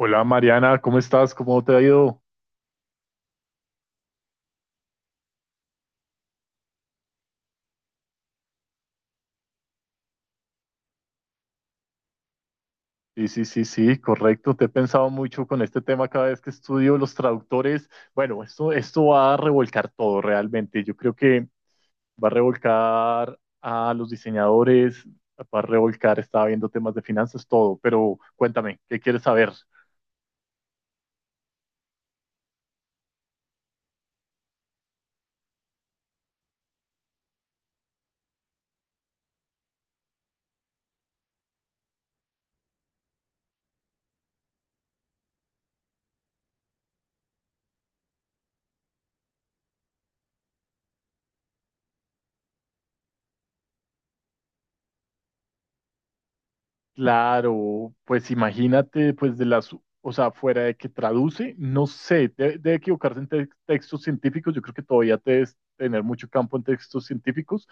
Hola Mariana, ¿cómo estás? ¿Cómo te ha ido? Sí, sí, sí, sí, correcto. Te he pensado mucho con este tema cada vez que estudio los traductores. Bueno, esto va a revolcar todo realmente. Yo creo que va a revolcar a los diseñadores, va a revolcar, estaba viendo temas de finanzas, todo. Pero cuéntame, ¿qué quieres saber? Claro, pues imagínate, pues de las, o sea, fuera de que traduce, no sé, debe equivocarse en textos científicos. Yo creo que todavía debes tener mucho campo en textos científicos,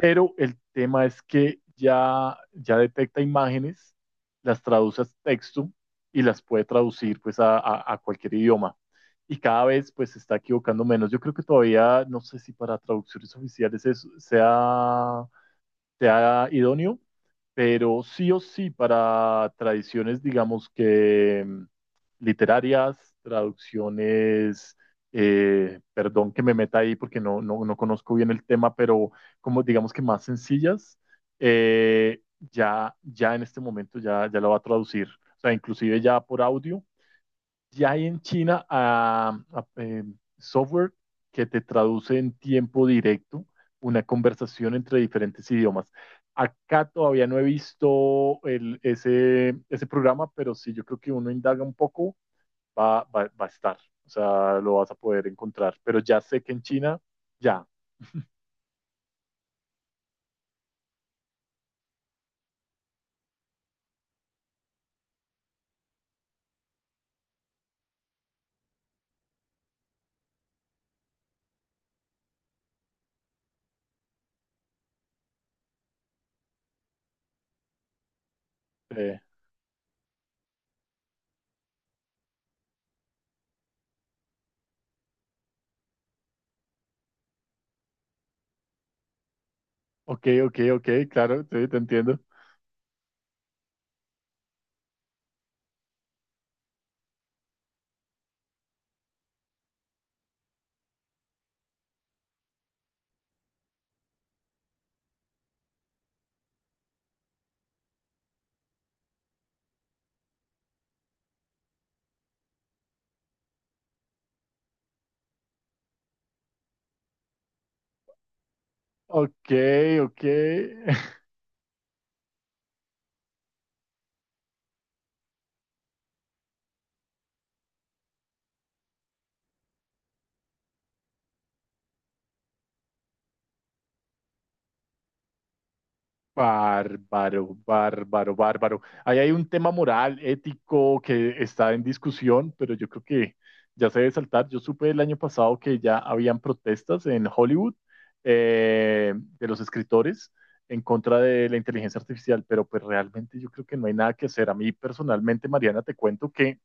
pero el tema es que ya detecta imágenes, las traduce a texto y las puede traducir pues a, a cualquier idioma. Y cada vez pues se está equivocando menos. Yo creo que todavía, no sé si para traducciones oficiales sea sea idóneo, pero sí o sí para tradiciones, digamos que literarias, traducciones, perdón que me meta ahí porque no conozco bien el tema, pero como digamos que más sencillas, eh, ya en este momento ya lo va a traducir, o sea, inclusive ya por audio ya hay en China software que te traduce en tiempo directo una conversación entre diferentes idiomas. Acá todavía no he visto ese programa, pero sí, yo creo que uno indaga un poco, va a estar, o sea, lo vas a poder encontrar. Pero ya sé que en China, ya. eh, ok, ok, ok, claro, sí, te entiendo. Ok, ok. Bárbaro, bárbaro, bárbaro. Ahí hay un tema moral, ético, que está en discusión, pero yo creo que ya se debe saltar. Yo supe el año pasado que ya habían protestas en Hollywood, de los escritores, en contra de la inteligencia artificial, pero pues realmente yo creo que no hay nada que hacer. A mí personalmente, Mariana, te cuento que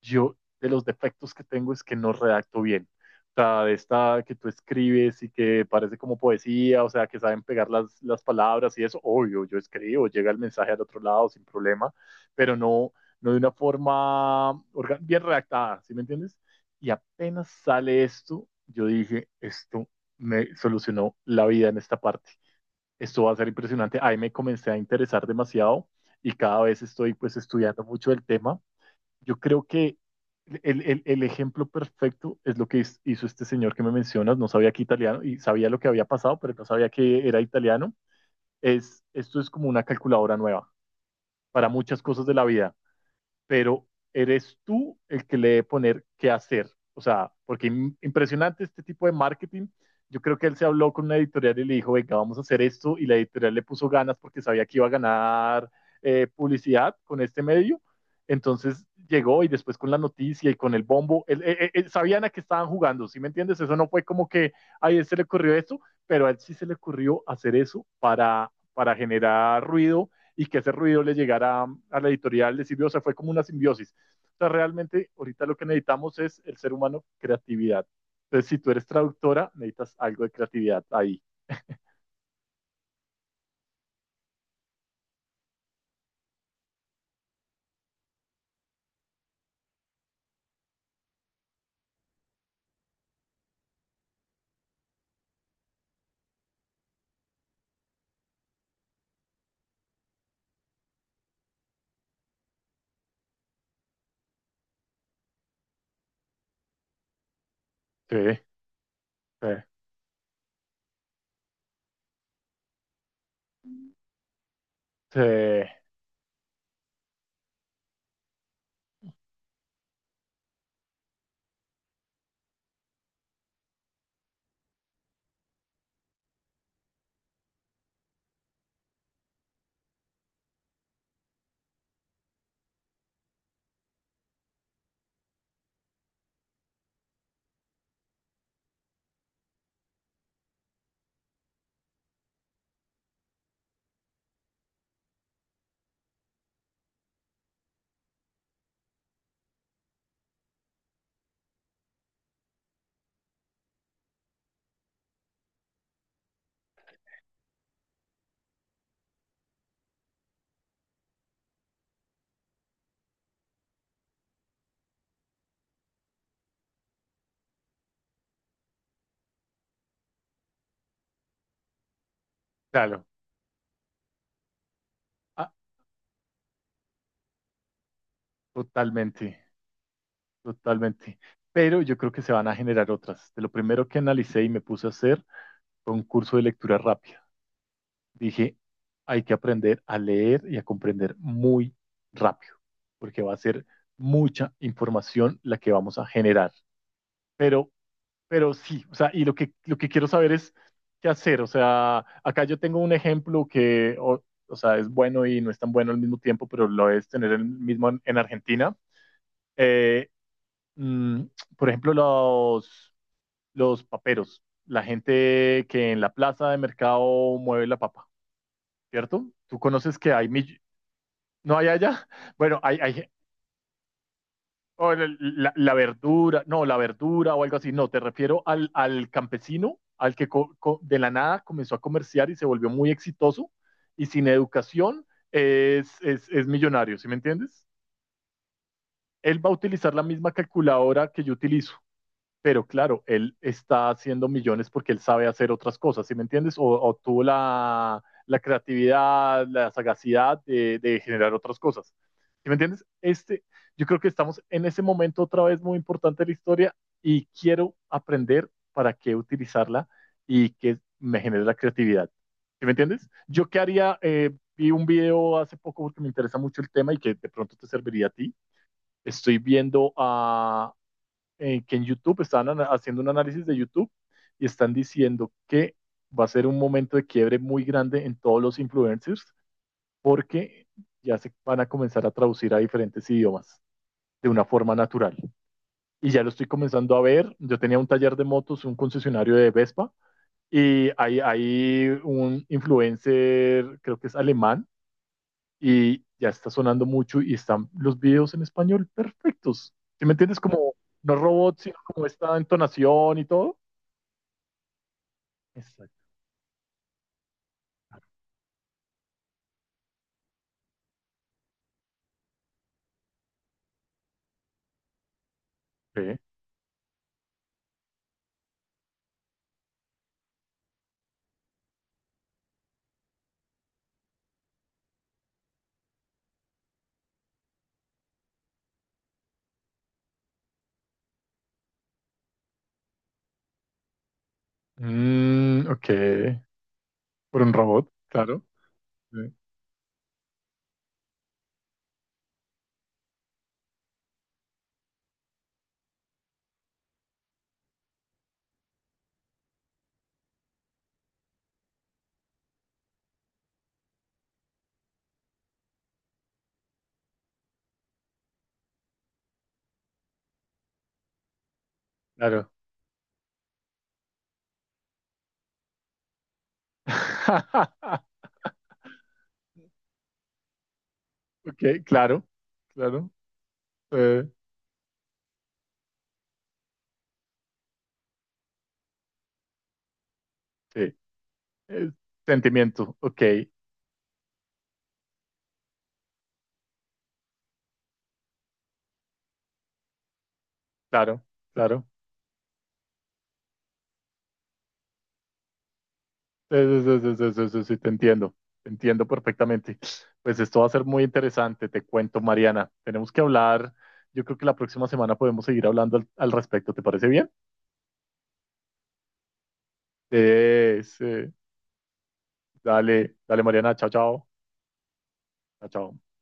yo de los defectos que tengo es que no redacto bien. O sea, de esta que tú escribes y que parece como poesía, o sea, que saben pegar las palabras y eso, obvio, yo escribo, llega el mensaje al otro lado sin problema, pero no, no de una forma bien redactada, ¿sí me entiendes? Y apenas sale esto, yo dije, esto me solucionó la vida en esta parte. Esto va a ser impresionante. Ahí me comencé a interesar demasiado y cada vez estoy pues estudiando mucho el tema. Yo creo que el ejemplo perfecto es lo que hizo este señor que me mencionas, no sabía que italiano y sabía lo que había pasado, pero no sabía que era italiano. Es, esto es como una calculadora nueva para muchas cosas de la vida, pero eres tú el que le debe poner qué hacer. O sea, porque impresionante este tipo de marketing. Yo creo que él se habló con una editorial y le dijo, venga, vamos a hacer esto. Y la editorial le puso ganas porque sabía que iba a ganar publicidad con este medio. Entonces llegó y después con la noticia y con el bombo, sabían a qué estaban jugando, ¿sí me entiendes? Eso no fue como que, ay, a él se le ocurrió esto, pero a él sí se le ocurrió hacer eso para generar ruido y que ese ruido le llegara a la editorial, le sirvió, o sea, fue como una simbiosis. O sea, realmente ahorita lo que necesitamos es el ser humano creatividad. Entonces, si tú eres traductora, necesitas algo de creatividad ahí. Sí, sí, sí, claro. Ah, totalmente, totalmente. Pero yo creo que se van a generar otras. De lo primero que analicé y me puse a hacer fue un curso de lectura rápida. Dije, hay que aprender a leer y a comprender muy rápido, porque va a ser mucha información la que vamos a generar. Pero, pero sí, o sea, y lo que quiero saber es qué hacer. O sea, acá yo tengo un ejemplo que, o sea, es bueno y no es tan bueno al mismo tiempo, pero lo es tener el mismo en Argentina. Eh, mm, por ejemplo, los paperos, la gente que en la plaza de mercado mueve la papa, ¿cierto? Tú conoces que hay, No hay allá. Bueno, hay o la verdura, no, la verdura o algo así. No, te refiero al campesino, al que de la nada comenzó a comerciar y se volvió muy exitoso y sin educación, es millonario, ¿sí me entiendes? Él va a utilizar la misma calculadora que yo utilizo, pero claro, él está haciendo millones porque él sabe hacer otras cosas, ¿sí me entiendes? O tuvo creatividad, la sagacidad de, generar otras cosas. ¿Sí me entiendes? Este, yo creo que estamos en ese momento otra vez muy importante de la historia y quiero aprender para qué utilizarla y que me genere la creatividad. ¿Sí me entiendes? Yo qué haría, vi un video hace poco porque me interesa mucho el tema y que de pronto te serviría a ti. Estoy viendo a, que en YouTube están haciendo un análisis de YouTube y están diciendo que va a ser un momento de quiebre muy grande en todos los influencers porque ya se van a comenzar a traducir a diferentes idiomas de una forma natural. Y ya lo estoy comenzando a ver. Yo tenía un taller de motos, un concesionario de Vespa, y hay un influencer, creo que es alemán, y ya está sonando mucho y están los videos en español perfectos. ¿Sí me entiendes? Como no robots, sino como esta entonación y todo. Exacto. Sí. Ok. Por un robot, claro. Sí. Claro. Ok, claro, claro. Eh, sí. Eh, Sentimiento, ok, claro, claro. Sí, sí, sí, sí, sí, sí, sí, te entiendo perfectamente. Pues esto va a ser muy interesante, te cuento, Mariana. Tenemos que hablar, yo creo que la próxima semana podemos seguir hablando al respecto, ¿te parece bien? Sí, sí. Dale, dale, Mariana, chao, chao, chao, chao.